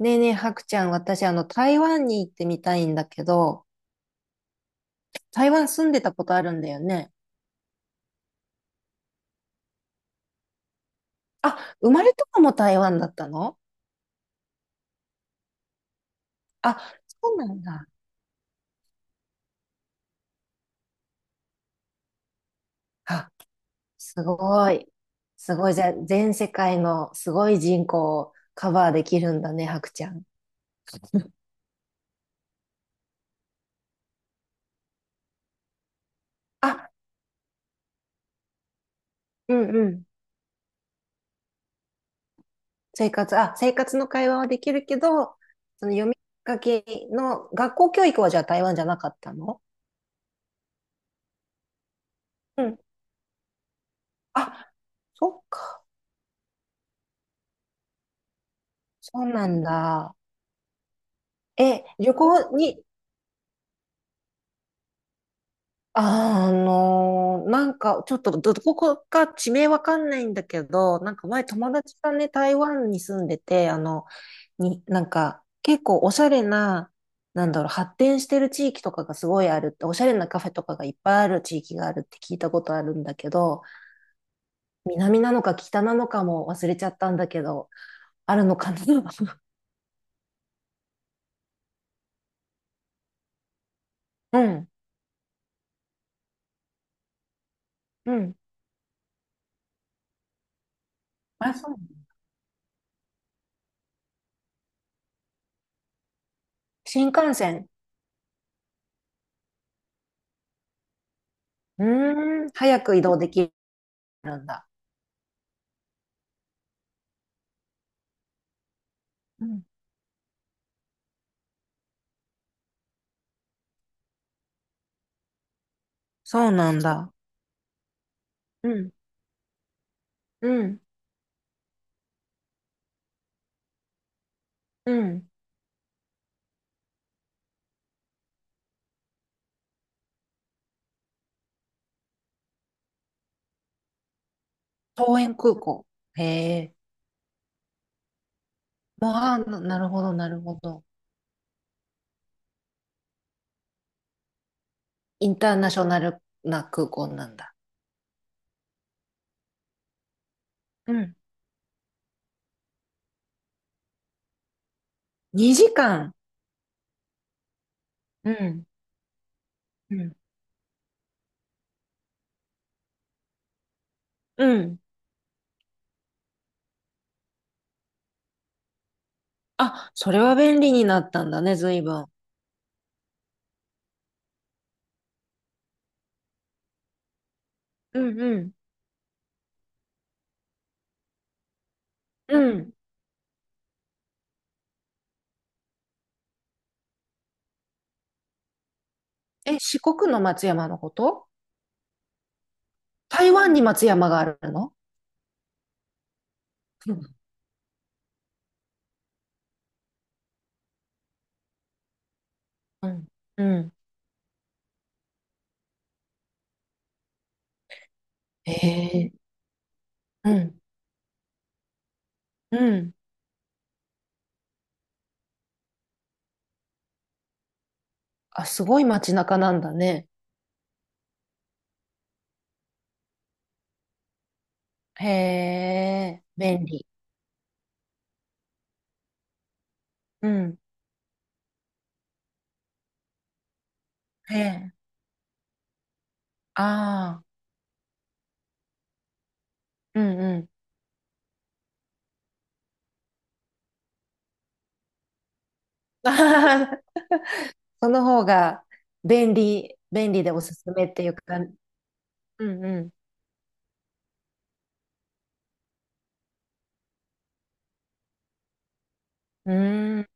ねえねえ、はくちゃん、私、台湾に行ってみたいんだけど、台湾住んでたことあるんだよね。あ、生まれとかも台湾だったの？あ、そうなんだ。あ、すごい。すごい。じゃあ、全世界のすごい人口をカバーできるんだね、はくちゃん。あ、うんうん。生活の会話はできるけど、その読み書きの学校教育はじゃあ台湾じゃなかったの？うん。あ、そっか。そうなんだ。え、旅行に、なんか、ちょっとどこか地名わかんないんだけど、なんか前友達がね、台湾に住んでて、に、なんか、結構おしゃれな、なんだろう、発展してる地域とかがすごいあるって、おしゃれなカフェとかがいっぱいある地域があるって聞いたことあるんだけど、南なのか北なのかも忘れちゃったんだけど、あるのかな？ うん、うん。あ、そう。新幹線。うーん、早く移動できるんだ。うん、そうなんだ。うん、うん、うん。桃園空港。へえ。もう、なるほど、なるほど。インターナショナルな空港なんだ。うん、2時間。うん。うん、うん、あ、それは便利になったんだね、随分。うん、うん、うん。え、四国の松山のこと？台湾に松山があるの？うん、うん、うん、へえ。うん、うん、あ、すごい街中なんだね。へえ、便利。うん。ええ。ああ。うんうん。その方が便利、便利でおすすめっていうか、うんうん。うーん、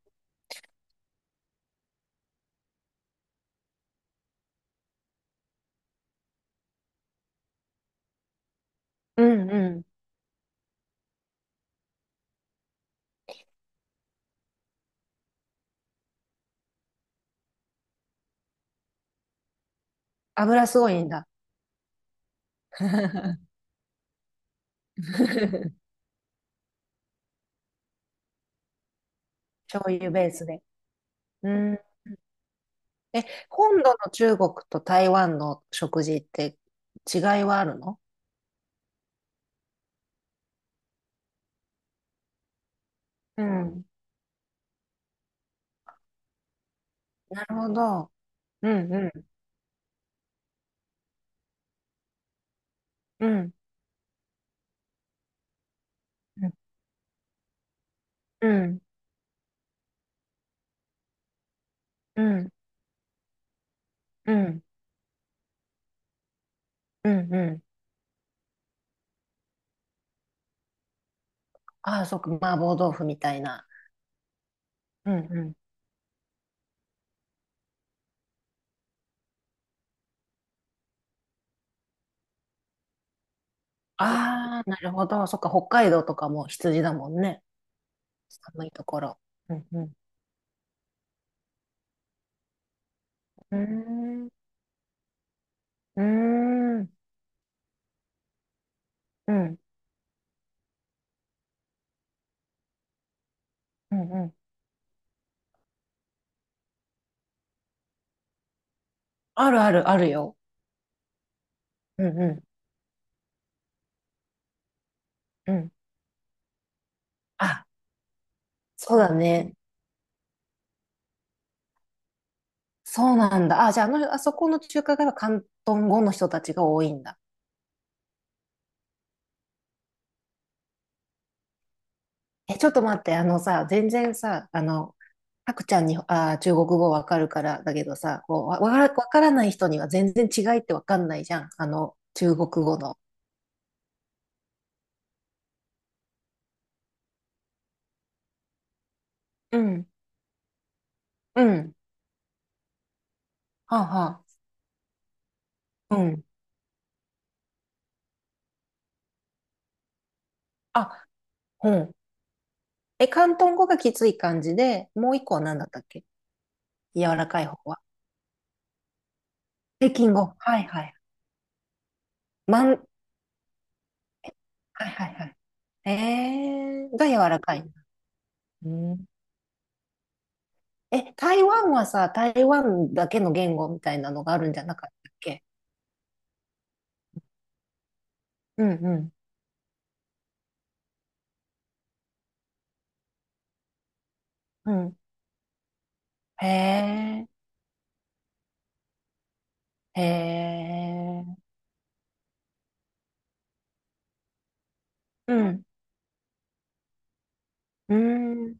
うんうん。油すごいんだ。醤油ベースで。うん。え、本土の中国と台湾の食事って違いはあるの？うん。なるほど。うんうんうんうんうんうんうんうん。ああ、そっか、麻婆豆腐みたいな。うんうん、ああ、なるほど。そっか、北海道とかも羊だもんね。寒いところ。うんうん。うーん。うーん。うん。うんうん。あるあるあるよ。うんうん。うん。あ、そうだね。そうなんだ。あ、じゃあ、あそこの中華街は広東語の人たちが多いんだ。え、ちょっと待って。あのさ、全然さ、たくちゃんに、中国語わかるからだけどさ、こう、わからない人には全然違いってわかんないじゃん。中国語の。うん。うん。はあはあ。うん。あ、うん。え、広東語がきつい感じで、もう一個は何だったっけ？柔らかい方は？北京語。はいはい。はいはいはい。が柔らかい。うん。え、台湾はさ、台湾だけの言語みたいなのがあるんじゃなかったっけ？うんうん。うん。へえ、へえ、うん、うん、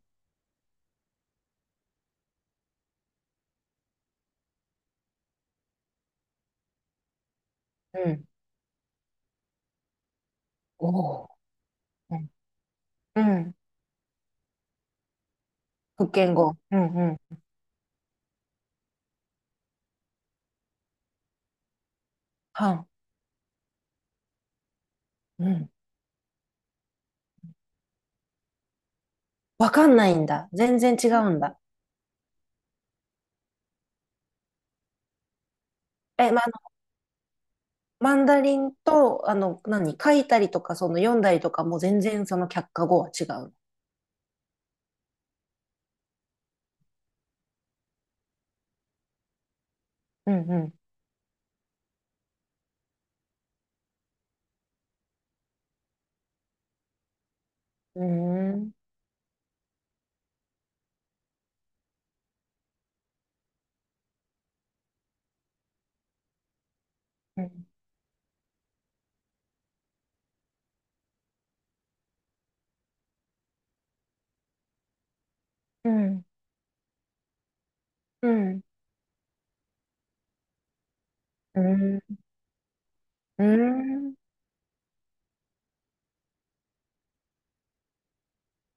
うん。おお、うん、うん。福建語。うんうん。はん。うん。わかんないんだ。全然違うんだ。え、まあ、あのマンダリンと、何、書いたりとか、その読んだりとかも全然その却下語は違う。うんうん。うーん。うん。うん。うん。うん。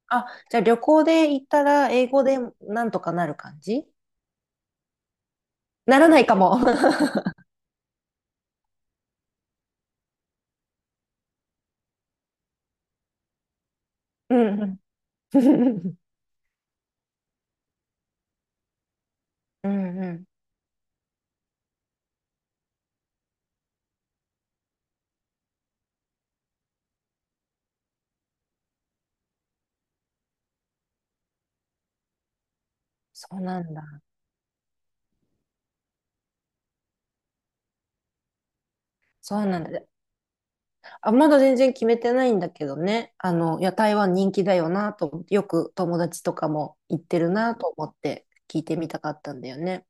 あ、じゃあ旅行で行ったら英語でなんとかなる感じ？ならないかも。うんうん。うんうん。そうなんだ。そうなんだ。あ、まだ全然決めてないんだけどね。いや、台湾人気だよなと思って、よく友達とかも行ってるなと思って聞いてみたかったんだよね。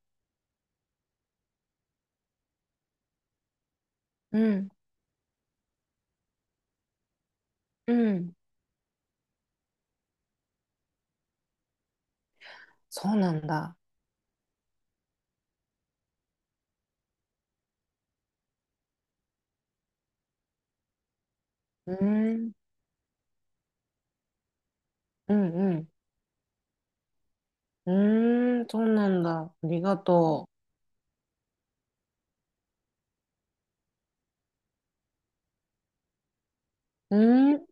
うん、うん。そうなんだ。うーん、うん、うん。うーん、そうなんだ。ありがとう。うーん、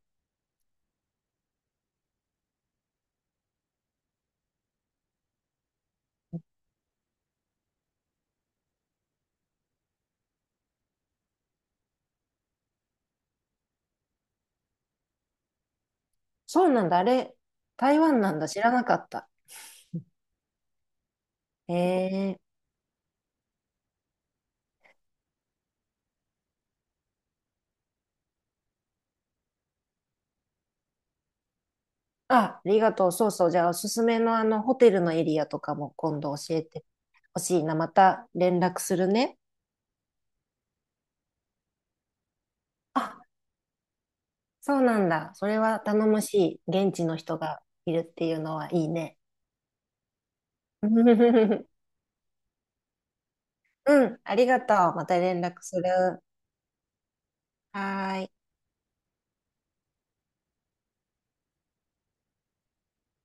そうなんだ。あれ、台湾なんだ。知らなかった。へえ。あ、ありがとう。そうそう。じゃあ、おすすめのホテルのエリアとかも今度教えてほしいな。また連絡するね。あ、そうなんだ。それは頼もしい。現地の人がいるっていうのはいいね。うん、ありがとう。また連絡する。はーい。